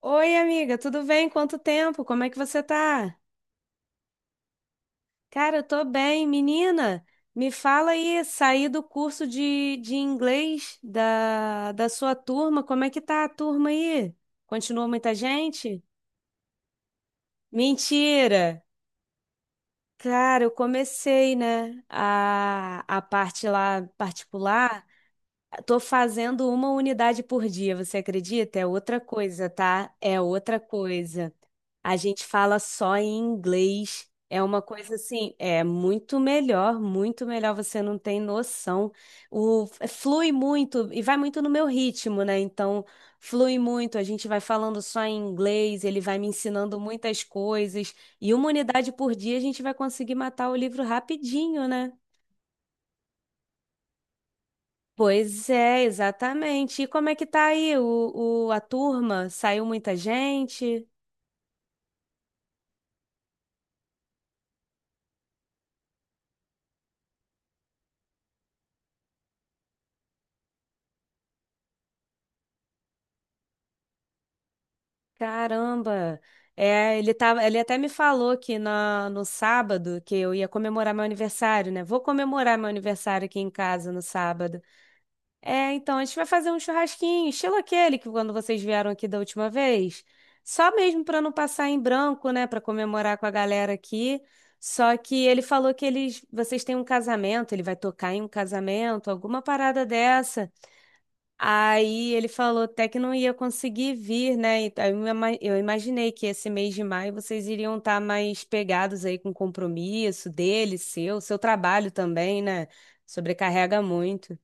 Oi, amiga, tudo bem? Quanto tempo? Como é que você tá? Cara, eu tô bem. Menina, me fala aí, saí do curso de inglês da sua turma, como é que tá a turma aí? Continua muita gente? Mentira! Cara, eu comecei, né, a parte lá particular. Tô fazendo uma unidade por dia, você acredita? É outra coisa, tá? É outra coisa. A gente fala só em inglês. É uma coisa assim, é muito melhor, você não tem noção. O É, flui muito e vai muito no meu ritmo, né? Então, flui muito, a gente vai falando só em inglês, ele vai me ensinando muitas coisas e uma unidade por dia a gente vai conseguir matar o livro rapidinho, né? Pois é, exatamente. E como é que tá aí a turma? Saiu muita gente? Caramba! É, ele até me falou que no sábado que eu ia comemorar meu aniversário, né? Vou comemorar meu aniversário aqui em casa no sábado. É, então a gente vai fazer um churrasquinho, estilo aquele que quando vocês vieram aqui da última vez. Só mesmo para não passar em branco, né? Para comemorar com a galera aqui. Só que ele falou que eles, vocês têm um casamento, ele vai tocar em um casamento, alguma parada dessa. Aí ele falou até que não ia conseguir vir, né? E aí, eu imaginei que esse mês de maio vocês iriam estar mais pegados aí com o compromisso dele, seu trabalho também, né? Sobrecarrega muito.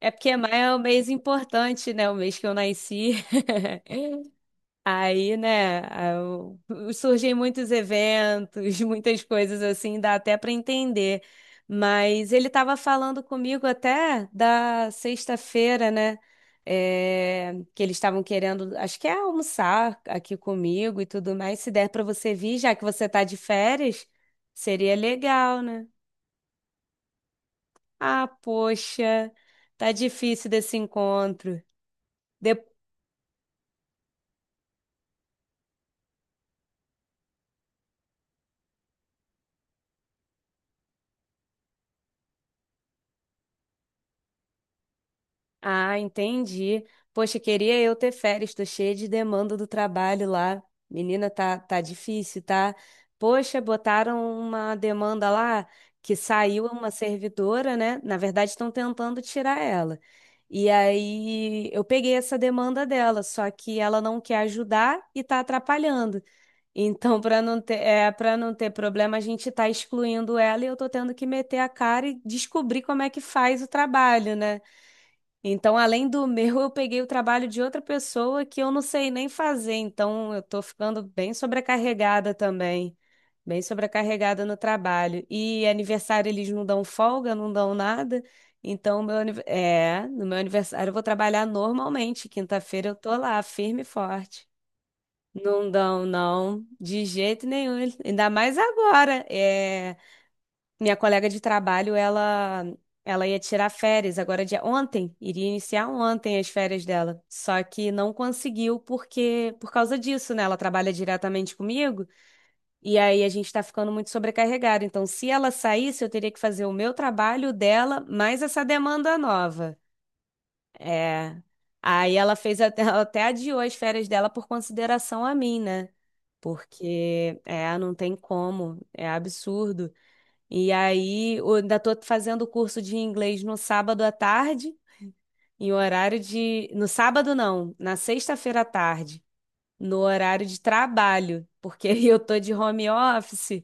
É porque maio é um mês importante, né? O mês que eu nasci. Aí, né, eu- surgem muitos eventos, muitas coisas assim, dá até para entender. Mas ele estava falando comigo até da sexta-feira, né? É, que eles estavam querendo, acho que é almoçar aqui comigo e tudo mais. Se der para você vir, já que você tá de férias, seria legal, né? Ah, poxa, tá difícil desse encontro. Ah, entendi. Poxa, queria eu ter férias, tô cheia de demanda do trabalho lá. Menina, tá difícil, tá? Poxa, botaram uma demanda lá que saiu uma servidora, né? Na verdade, estão tentando tirar ela. E aí eu peguei essa demanda dela, só que ela não quer ajudar e tá atrapalhando. Então, para não ter problema, a gente tá excluindo ela e eu tô tendo que meter a cara e descobrir como é que faz o trabalho, né? Então, além do meu, eu peguei o trabalho de outra pessoa que eu não sei nem fazer. Então, eu tô ficando bem sobrecarregada também. Bem sobrecarregada no trabalho. E aniversário eles não dão folga, não dão nada. Então, no meu aniversário eu vou trabalhar normalmente. Quinta-feira eu tô lá, firme e forte. Não dão, não, de jeito nenhum. Ainda mais agora. É, minha colega de trabalho, ela ia tirar férias agora de ontem, iria iniciar ontem as férias dela. Só que não conseguiu porque por causa disso, né? Ela trabalha diretamente comigo e aí a gente tá ficando muito sobrecarregado. Então, se ela saísse, eu teria que fazer o meu trabalho o dela, mais essa demanda nova. É. Aí ela fez até, ela até adiou as férias dela por consideração a mim, né? Porque é, não tem como, é absurdo. E aí, eu ainda estou fazendo o curso de inglês no sábado à tarde, em horário de. No sábado, não, na sexta-feira à tarde, no horário de trabalho, porque eu tô de home office,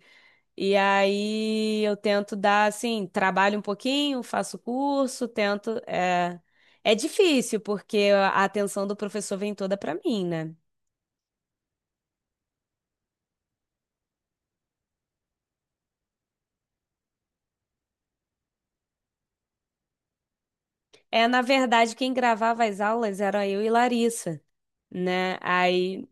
e aí eu tento dar, assim, trabalho um pouquinho, faço curso, tento. É difícil, porque a atenção do professor vem toda para mim, né? É, na verdade, quem gravava as aulas era eu e Larissa, né? Aí,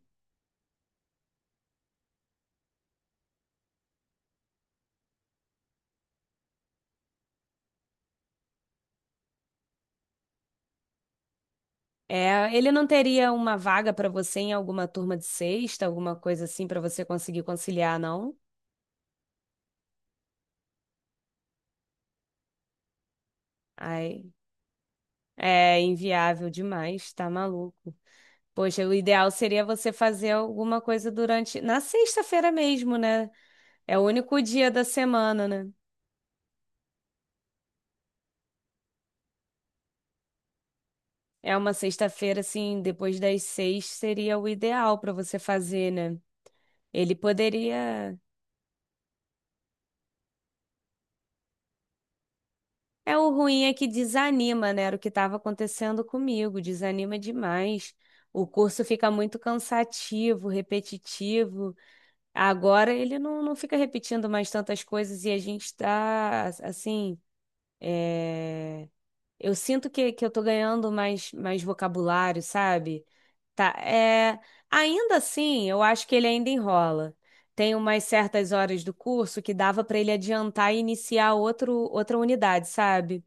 Ele não teria uma vaga para você em alguma turma de sexta, alguma coisa assim para você conseguir conciliar, não? Ai, é inviável demais, tá maluco. Poxa, o ideal seria você fazer alguma coisa durante, na sexta-feira mesmo, né? É o único dia da semana, né? É uma sexta-feira assim, depois das seis seria o ideal para você fazer, né? Ele poderia É o ruim é que desanima, né? Era o que estava acontecendo comigo, desanima demais. O curso fica muito cansativo, repetitivo. Agora ele não fica repetindo mais tantas coisas e a gente está, assim, é, eu sinto que eu tô ganhando mais vocabulário, sabe? Tá. Ainda assim, eu acho que ele ainda enrola. Tem umas certas horas do curso que dava para ele adiantar e iniciar outro, outra unidade, sabe?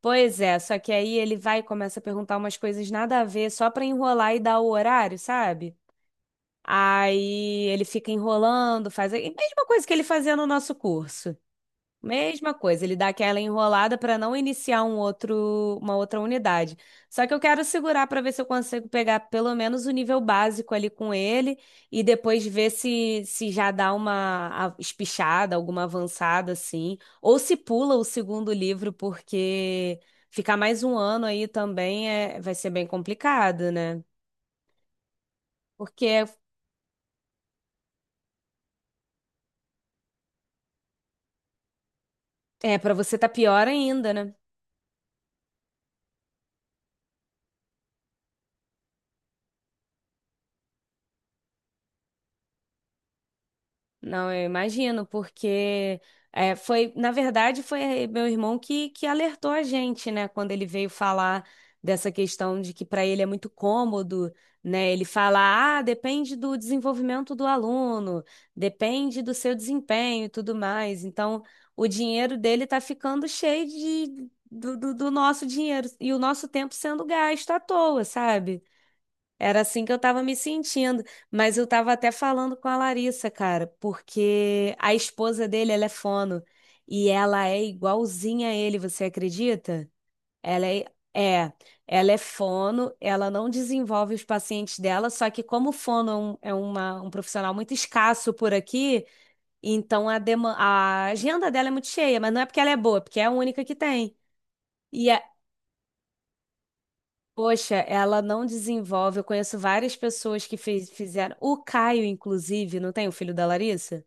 Pois é, só que aí ele vai e começa a perguntar umas coisas nada a ver, só pra enrolar e dar o horário, sabe? Aí ele fica enrolando, faz a mesma coisa que ele fazia no nosso curso. Mesma coisa, ele dá aquela enrolada para não iniciar um outro, uma outra unidade. Só que eu quero segurar para ver se eu consigo pegar pelo menos o nível básico ali com ele e depois ver se já dá uma espichada, alguma avançada assim, ou se pula o segundo livro, porque ficar mais um ano aí também é, vai ser bem complicado, né? Porque é, para você tá pior ainda, né? Não, eu imagino, porque é, foi, na verdade, foi meu irmão que alertou a gente, né, quando ele veio falar dessa questão de que para ele é muito cômodo, né, ele fala, ah, depende do desenvolvimento do aluno, depende do seu desempenho e tudo mais. Então, o dinheiro dele está ficando cheio de, do, do do nosso dinheiro e o nosso tempo sendo gasto à toa, sabe? Era assim que eu tava me sentindo, mas eu tava até falando com a Larissa, cara, porque a esposa dele, ela é fono e ela é igualzinha a ele, você acredita? Ela é, é, ela é fono, ela não desenvolve os pacientes dela, só que como fono é um profissional muito escasso por aqui, então a agenda dela é muito cheia, mas não é porque ela é boa, é porque é a única que tem. Poxa, ela não desenvolve. Eu conheço várias pessoas que fizeram. O Caio, inclusive, não tem o filho da Larissa?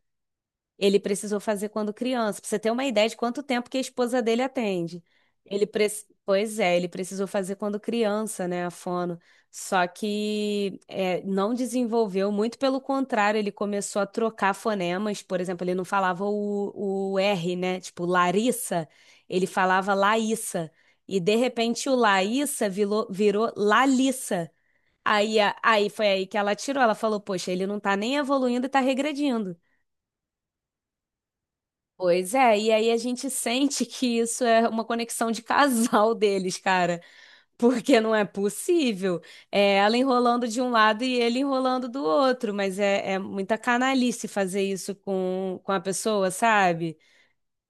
Ele precisou fazer quando criança, pra você ter uma ideia de quanto tempo que a esposa dele atende. Ele pre... Pois é, ele precisou fazer quando criança, né, a fono. Só que é, não desenvolveu, muito pelo contrário, ele começou a trocar fonemas, por exemplo, ele não falava o R, né, tipo Larissa, ele falava Laíssa. E de repente o Laíssa virou Lalissa. Aí, aí foi aí que ela tirou, ela falou, poxa, ele não tá nem evoluindo e tá regredindo. Pois é, e aí a gente sente que isso é uma conexão de casal deles, cara, porque não é possível. É ela enrolando de um lado e ele enrolando do outro, mas é muita canalice fazer isso com a pessoa, sabe?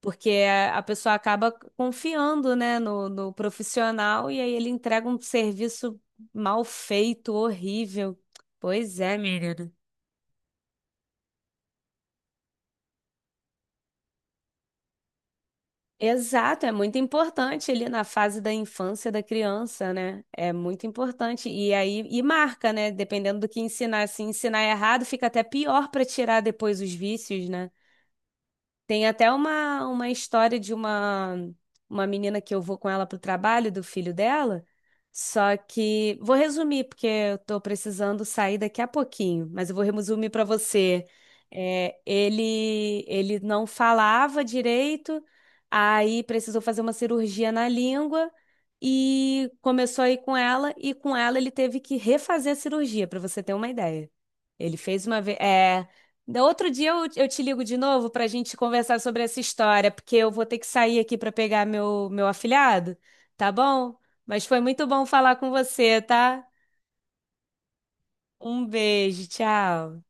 Porque a pessoa acaba confiando, né, no profissional e aí ele entrega um serviço mal feito, horrível. Pois é, menina. Exato, é muito importante ali na fase da infância da criança, né? É muito importante. E aí, e marca, né? Dependendo do que ensinar. Se ensinar errado, fica até pior para tirar depois os vícios, né? Tem até uma história de uma menina que eu vou com ela pro trabalho, do filho dela. Só que vou resumir, porque eu tô precisando sair daqui a pouquinho, mas eu vou resumir para você. É, ele não falava direito, aí precisou fazer uma cirurgia na língua e começou a ir com ela, e com ela ele teve que refazer a cirurgia, para você ter uma ideia. Ele fez uma vez. Outro dia eu te ligo de novo para a gente conversar sobre essa história, porque eu vou ter que sair aqui para pegar meu afilhado, tá bom? Mas foi muito bom falar com você, tá? Um beijo, tchau.